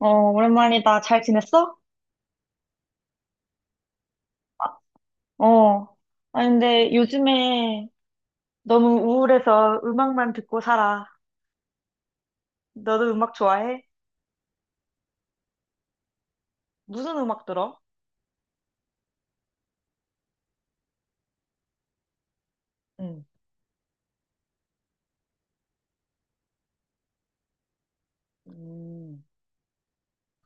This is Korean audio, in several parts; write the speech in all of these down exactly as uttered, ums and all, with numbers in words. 어, 오랜만이다. 잘 지냈어? 어. 아니, 근데 요즘에 너무 우울해서 음악만 듣고 살아. 너도 음악 좋아해? 무슨 음악 들어? 응. 음,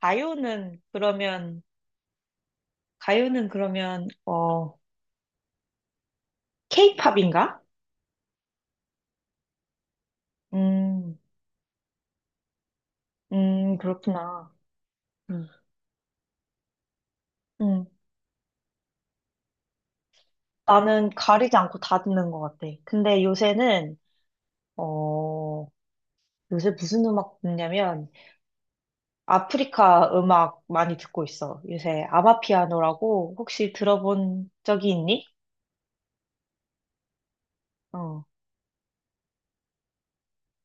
가요는 그러면, 가요는 그러면, 어, 케이팝인가? 음, 음, 그렇구나. 음, 음. 나는 가리지 않고 다 듣는 것 같아. 근데 요새는, 어, 요새 무슨 음악 듣냐면, 아프리카 음악 많이 듣고 있어. 요새 아마피아노라고 혹시 들어본 적이 있니? 어,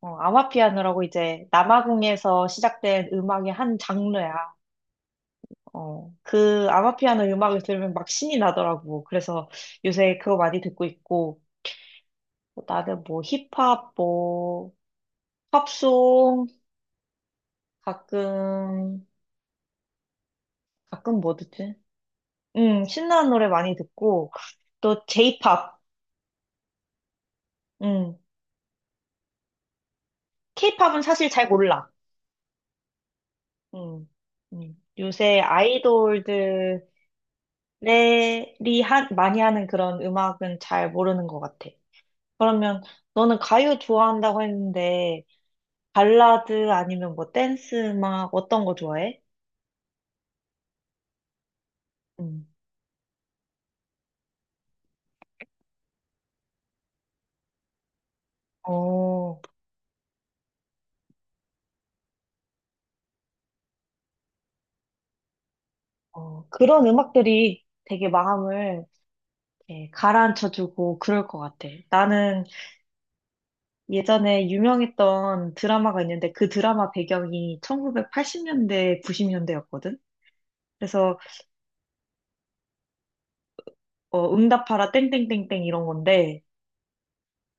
어, 아마피아노라고 이제 남아공에서 시작된 음악의 한 장르야. 어, 그 아마피아노 음악을 들으면 막 신이 나더라고. 그래서 요새 그거 많이 듣고 있고, 뭐 나는 뭐 힙합, 뭐 팝송, 가끔, 가끔 뭐 듣지? 음, 신나는 노래 많이 듣고, 또 J-pop, 음, K-pop은 사실 잘 몰라. 음, 음. 요새 아이돌들이 하, 많이 하는 그런 음악은 잘 모르는 것 같아. 그러면 너는 가요 좋아한다고 했는데 발라드 아니면 뭐 댄스 음악 어떤 거 좋아해? 음. 어, 어, 그런 음악들이 되게 마음을 이렇게 가라앉혀주고 그럴 것 같아. 나는 예전에 유명했던 드라마가 있는데 그 드라마 배경이 천구백팔십 년대, 구십 년대였거든? 그래서 어, 응답하라 땡땡땡땡 이런 건데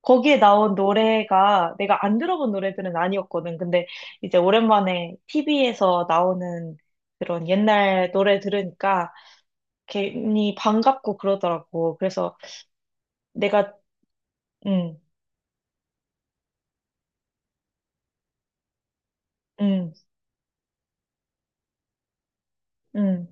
거기에 나온 노래가 내가 안 들어본 노래들은 아니었거든. 근데 이제 오랜만에 티비에서 나오는 그런 옛날 노래 들으니까 괜히 반갑고 그러더라고. 그래서 내가 음, 음, 음,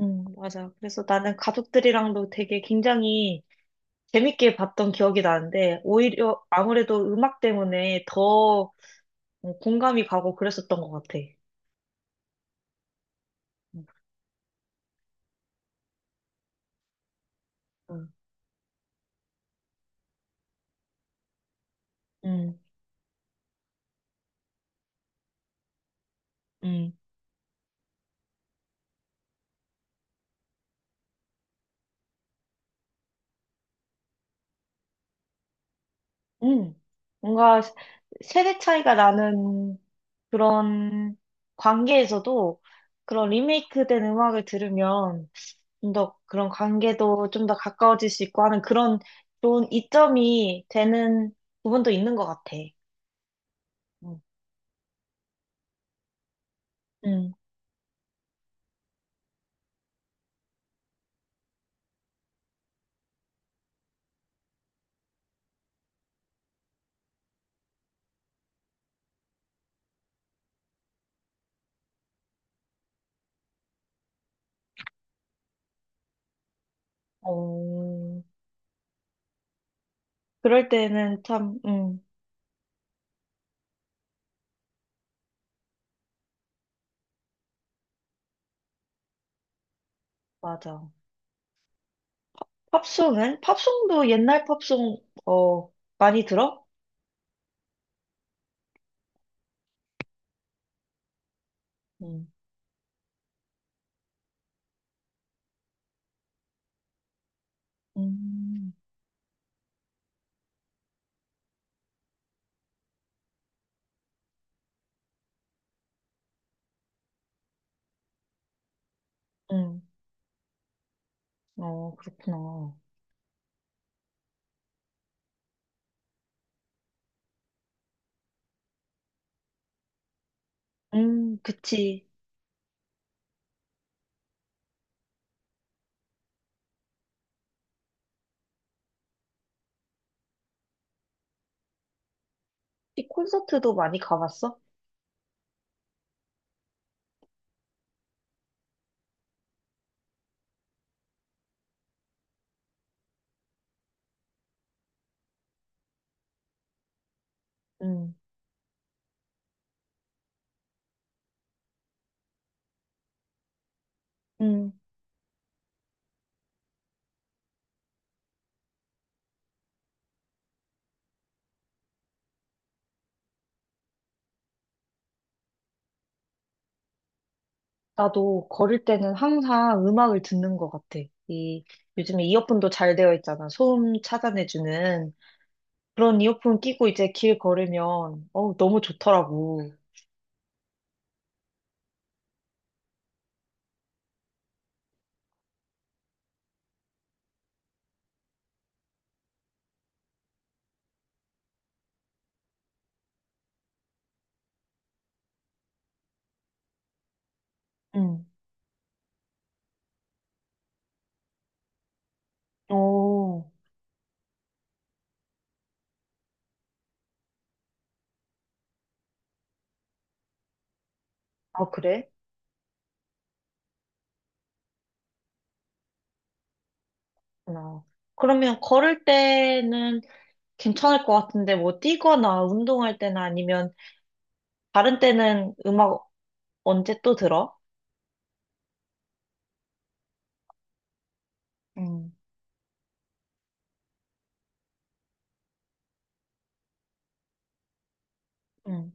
음, 맞아. 그래서 나는 가족들이랑도 되게 굉장히 재밌게 봤던 기억이 나는데 오히려 아무래도 음악 때문에 더 공감이 가고 그랬었던 것 같아. 음, 음, 음. 음, 뭔가 세- 세대 차이가 나는 그런 관계에서도 그런 리메이크 된 음악을 들으면 좀 더 그런 관계도 좀 더 가까워질 수 있고 하는 그런 좋은 이점이 되는 부분도 있는 것 같아. 음, 음. 어, 그럴 때는 참, 음, 맞아. 팝송은? 팝송도 옛날 팝송, 어, 많이 들어? 음, 음, 음, 어, 그렇구나. 음, 그치. 이 콘서트도 많이 가봤어? 음, 음. 나도 걸을 때는 항상 음악을 듣는 것 같아. 이, 요즘에 이어폰도 잘 되어 있잖아. 소음 찾아내주는. 그런 이어폰 끼고 이제 길 걸으면, 어 너무 좋더라고. 음. 오. 아, 그래? 어. 그러면 걸을 때는 괜찮을 것 같은데, 뭐 뛰거나 운동할 때나 아니면 다른 때는 음악 언제 또 들어? 음, 음,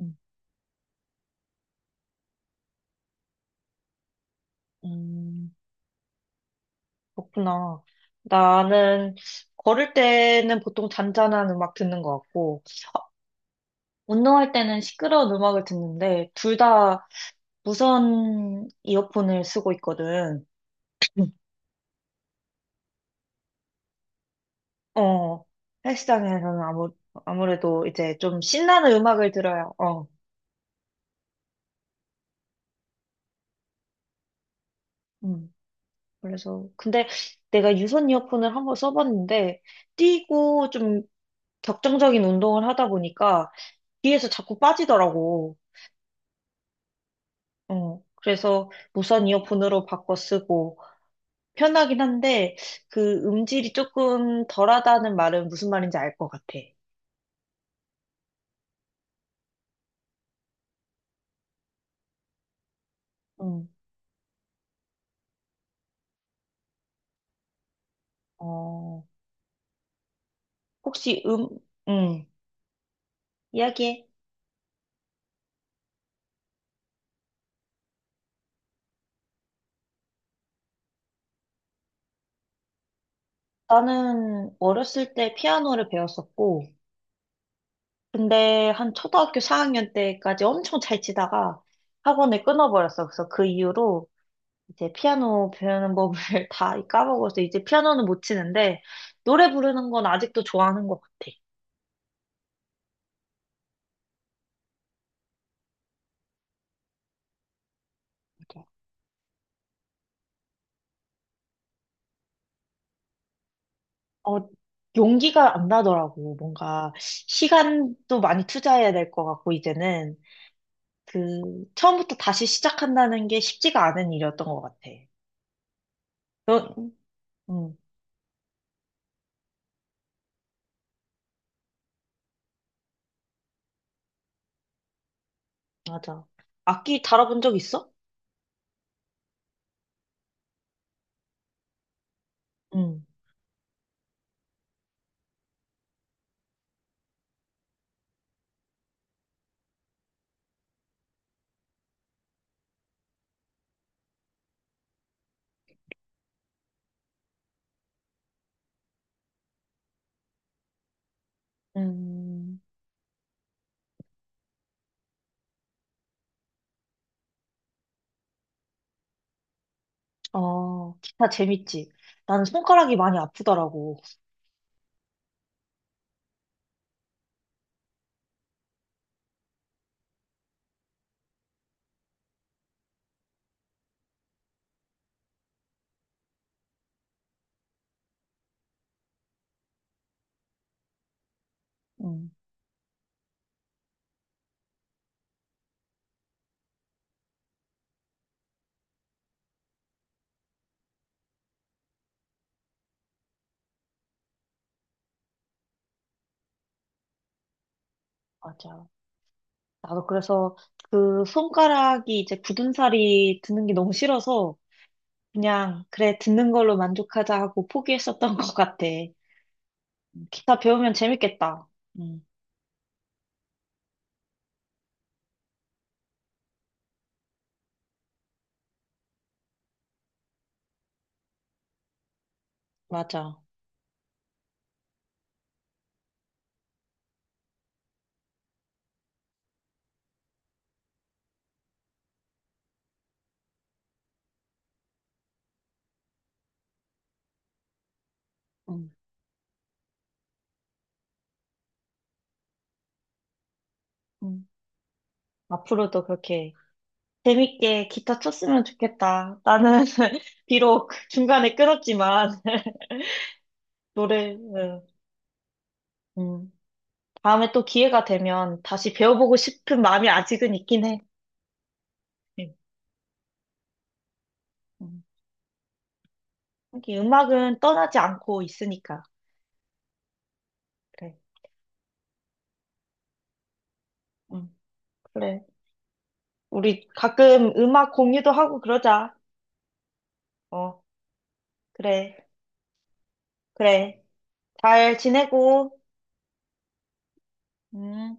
음. 음. 그렇구나. 나는 걸을 때는 보통 잔잔한 음악 듣는 것 같고, 운동할 때는 시끄러운 음악을 듣는데, 둘 다 무선 이어폰을 쓰고 있거든. 음. 어, 헬스장에서는 아무, 아무래도 이제 좀 신나는 음악을 들어야, 어, 음. 그래서, 근데 내가 유선 이어폰을 한번 써봤는데, 뛰고 좀 격정적인 운동을 하다 보니까, 뒤에서 자꾸 빠지더라고. 어, 그래서 무선 이어폰으로 바꿔 쓰고 편하긴 한데 그 음질이 조금 덜하다는 말은 무슨 말인지 알 것 같아. 음, 어, 혹시 음, 음, 이야기해. 나는 어렸을 때 피아노를 배웠었고, 근데 한 초등학교 사 학년 때까지 엄청 잘 치다가 학원을 끊어버렸어. 그래서 그 이후로 이제 피아노 배우는 법을 다 까먹어서 이제 피아노는 못 치는데 노래 부르는 건 아직도 좋아하는 것 같아. 그러니까 어, 용기가 안 나더라고. 뭔가 시간도 많이 투자해야 될 것 같고, 이제는 그 처음부터 다시 시작한다는 게 쉽지가 않은 일이었던 것 같아. 너, 음, 맞아. 악기 다뤄본 적 있어? 응. 음, 어, 기타 재밌지. 나는 손가락이 많이 아프더라고. 응, 맞아. 나도 그래서 그 손가락이 이제 굳은살이 드는 게 너무 싫어서 그냥 그래, 듣는 걸로 만족하자 하고 포기했었던 것 같아. 기타 배우면 재밌겠다. 음, 맞아. 음, 음. 앞으로도 그렇게 재밌게 기타 쳤으면 좋겠다. 나는 비록 중간에 끊었지만 노래, 음, 음. 다음에 또 기회가 되면 다시 배워보고 싶은 마음이 아직은 있긴 해. 음, 음. 하게 음악은 떠나지 않고 있으니까. 그래. 음, 그래. 우리 가끔 음악 공유도 하고 그러자. 어, 그래. 그래. 잘 지내고. 음.